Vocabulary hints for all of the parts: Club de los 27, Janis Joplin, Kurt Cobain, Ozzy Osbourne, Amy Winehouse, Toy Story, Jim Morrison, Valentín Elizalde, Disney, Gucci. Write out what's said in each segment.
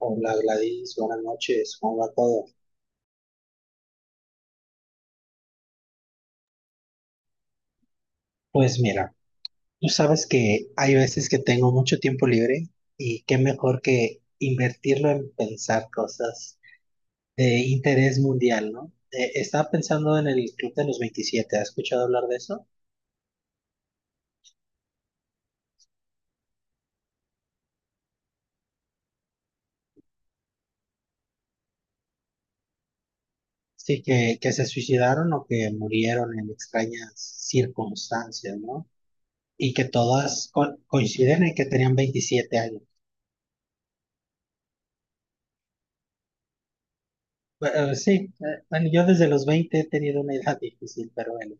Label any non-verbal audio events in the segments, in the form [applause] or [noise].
Hola, Gladys, buenas noches, ¿cómo va todo? Pues mira, tú sabes que hay veces que tengo mucho tiempo libre y qué mejor que invertirlo en pensar cosas de interés mundial, ¿no? Estaba pensando en el Club de los 27, ¿has escuchado hablar de eso? Sí, que se suicidaron o que murieron en extrañas circunstancias, ¿no? Y que todas coinciden en que tenían 27 años. Sí, bueno, yo desde los 20 he tenido una edad [laughs] difícil, pero bueno.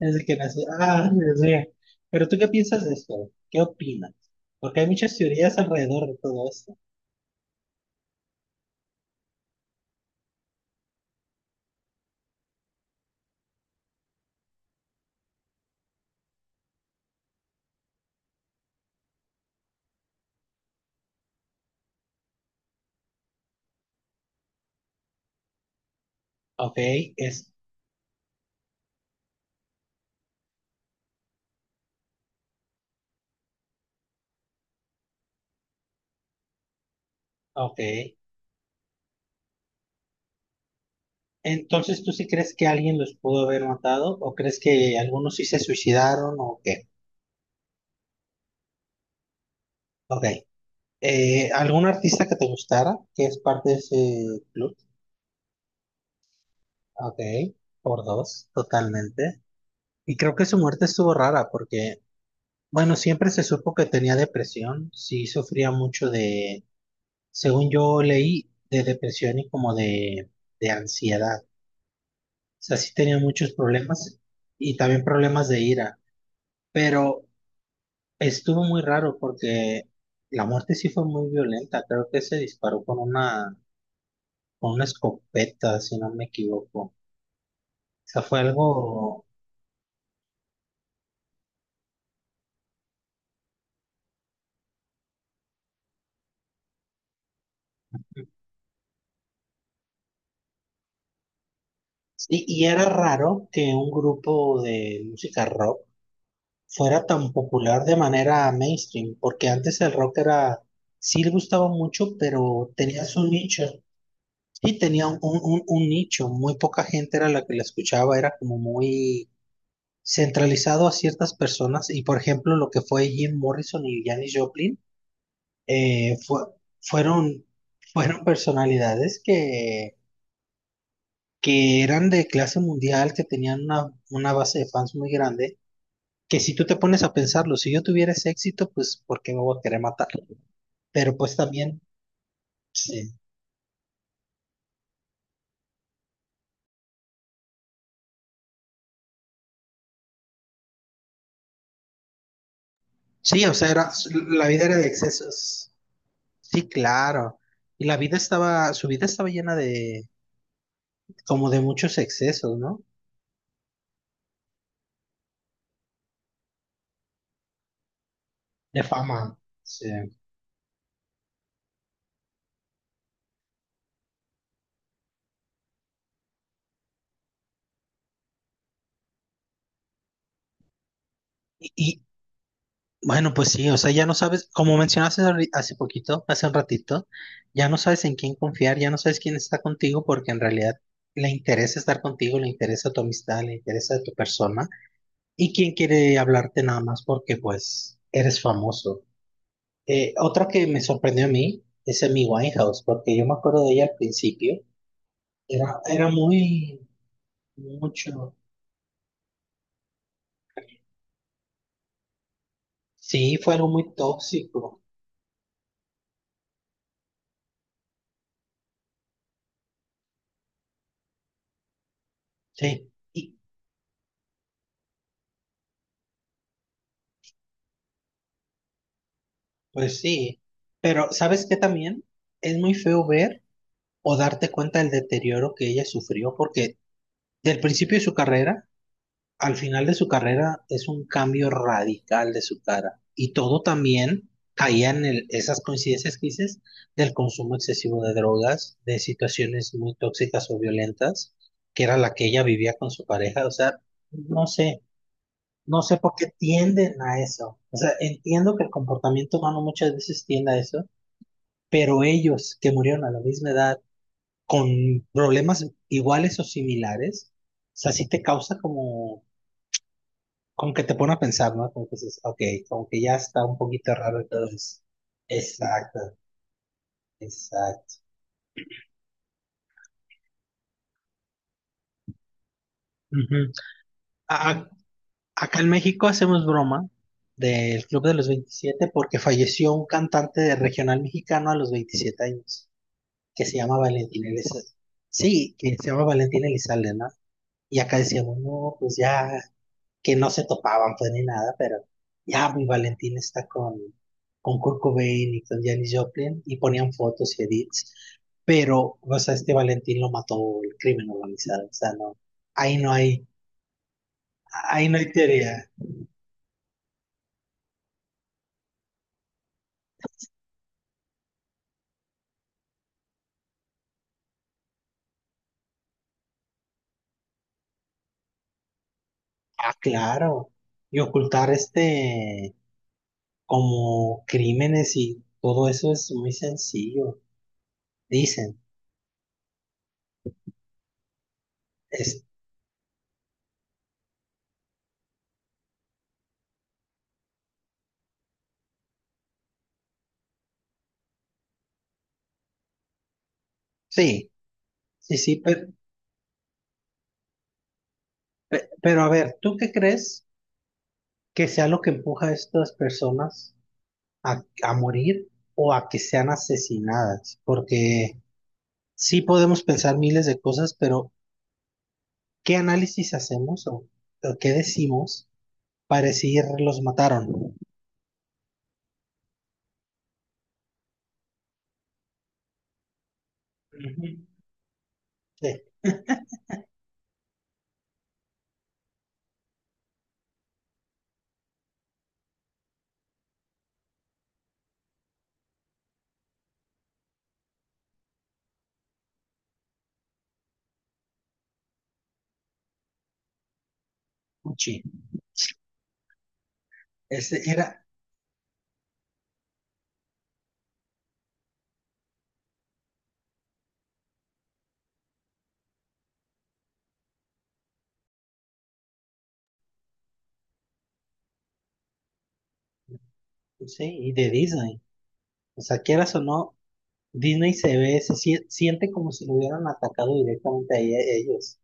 Es el que nació. Ah, Dios mío. ¿Pero tú qué piensas de esto? ¿Qué opinas? Porque hay muchas teorías alrededor de todo esto. Ok, es. Ok. Entonces, ¿tú sí crees que alguien los pudo haber matado? ¿O crees que algunos sí se suicidaron? ¿O qué? Ok. ¿Algún artista que te gustara? Que es parte de ese club. Ok. Por dos, totalmente. Y creo que su muerte estuvo rara porque, bueno, siempre se supo que tenía depresión. Sí, sufría mucho de. Según yo leí, de depresión y como de ansiedad. O sea, sí tenía muchos problemas y también problemas de ira. Pero estuvo muy raro porque la muerte sí fue muy violenta. Creo que se disparó con una escopeta, si no me equivoco. O sea, fue algo. Y era raro que un grupo de música rock fuera tan popular de manera mainstream, porque antes el rock era. Sí, le gustaba mucho, pero tenía su nicho. Sí, tenía un, un nicho, muy poca gente era la que la escuchaba, era como muy centralizado a ciertas personas y por ejemplo lo que fue Jim Morrison y Janis Joplin eh, fue- fueron, fueron personalidades que eran de clase mundial, que tenían una base de fans muy grande, que si tú te pones a pensarlo, si yo tuviera ese éxito, pues ¿por qué me voy a querer matar? Pero pues también, sí, sí, o sea, era, la vida era de excesos. Sí, claro. Y la vida estaba, su vida estaba llena de, como de muchos excesos, ¿no? De fama. Sí. Y, bueno, pues sí, o sea, ya no sabes, como mencionaste hace poquito, hace un ratito, ya no sabes en quién confiar, ya no sabes quién está contigo, porque en realidad le interesa estar contigo, le interesa tu amistad, le interesa tu persona, y quién quiere hablarte nada más porque, pues, eres famoso. Otra que me sorprendió a mí es Amy Winehouse, porque yo me acuerdo de ella al principio. Era, era muy, mucho. Sí, fue algo muy tóxico. Sí, y, pues sí. Pero, ¿sabes qué también? Es muy feo ver o darte cuenta del deterioro que ella sufrió, porque del principio de su carrera, al final de su carrera, es un cambio radical de su cara. Y todo también caía en esas coincidencias que dices del consumo excesivo de drogas, de situaciones muy tóxicas o violentas, que era la que ella vivía con su pareja. O sea, no sé. No sé por qué tienden a eso. O sea, entiendo que el comportamiento humano muchas veces tiende a eso, pero ellos que murieron a la misma edad con problemas iguales o similares, o sea, sí te causa como, como que te pone a pensar, ¿no? Como que dices, ok, como que ya está un poquito raro entonces. Exacto, exacto. Ujú. A- Acá en México hacemos broma del Club de los veintisiete porque falleció un cantante de regional mexicano a los 27 años, que se llama Valentín Elizalde. Sí, que se llama Valentín Elizalde, ¿no? Y acá decíamos, no, pues ya, que no se topaban pues ni nada, pero ya mi Valentín está con Kurt Cobain y con Janis Joplin y ponían fotos y edits, pero, o sea, este Valentín lo mató el crimen organizado, o sea, no, ahí no hay, ahí no hay teoría. Ah, claro, y ocultar este como crímenes y todo eso es muy sencillo, dicen. Es, sí. Sí, pero, a ver, ¿tú qué crees que sea lo que empuja a estas personas a morir o a que sean asesinadas? Porque sí podemos pensar miles de cosas, pero ¿qué análisis hacemos o qué decimos para decir los mataron? Ujú. Sí. [laughs] Gucci. Ese era, sí, y de Disney. O sea, quieras o no, Disney se ve, siente como si lo hubieran atacado directamente a ellos.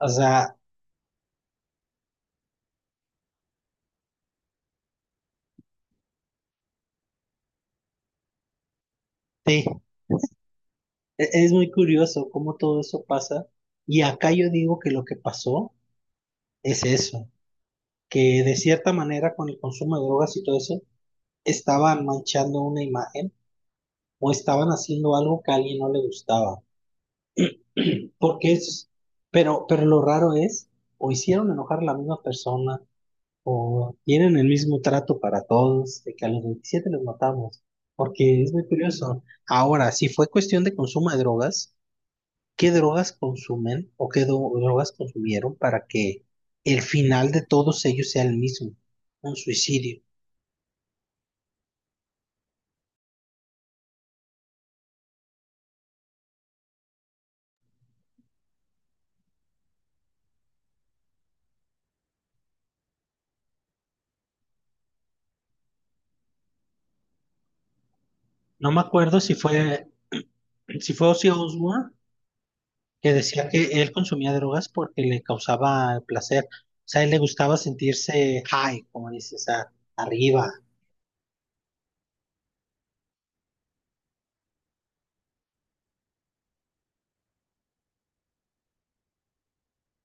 O sea, sí. Es muy curioso cómo todo eso pasa. Y acá yo digo que lo que pasó es eso, que de cierta manera con el consumo de drogas y todo eso, estaban manchando una imagen o estaban haciendo algo que a alguien no le gustaba. Porque es, pero lo raro es, o hicieron enojar a la misma persona, o tienen el mismo trato para todos, de que a los 27 los matamos. Porque es muy curioso. Ahora, si fue cuestión de consumo de drogas. ¿Qué drogas consumen o qué drogas consumieron para que el final de todos ellos sea el mismo, un suicidio? No me acuerdo si fue, si fue Ozzy Osbourne que decía que él consumía drogas porque le causaba placer. O sea, a él le gustaba sentirse high, como dices, o sea, arriba.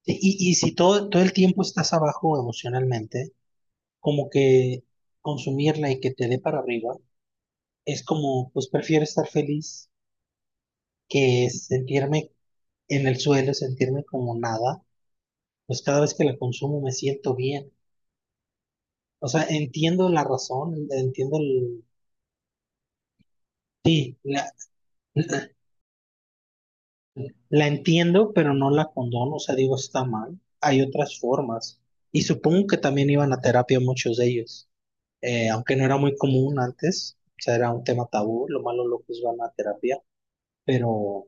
Y si todo, todo el tiempo estás abajo emocionalmente, como que consumirla y que te dé para arriba, es como, pues prefiero estar feliz que sentirme en el suelo, sentirme como nada, pues cada vez que la consumo me siento bien. O sea, entiendo la razón, entiendo el. Sí, la, la entiendo, pero no la condono, o sea, digo, está mal. Hay otras formas. Y supongo que también iban a terapia muchos de ellos, aunque no era muy común antes, o sea, era un tema tabú, lo malo locos van a terapia, pero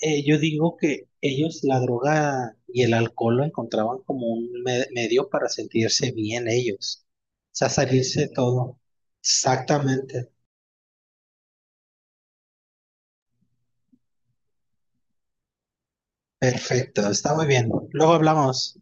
Yo digo que ellos la droga y el alcohol lo encontraban como un medio para sentirse bien ellos, o sea, salirse de todo. Exactamente, perfecto, está muy bien. Luego hablamos.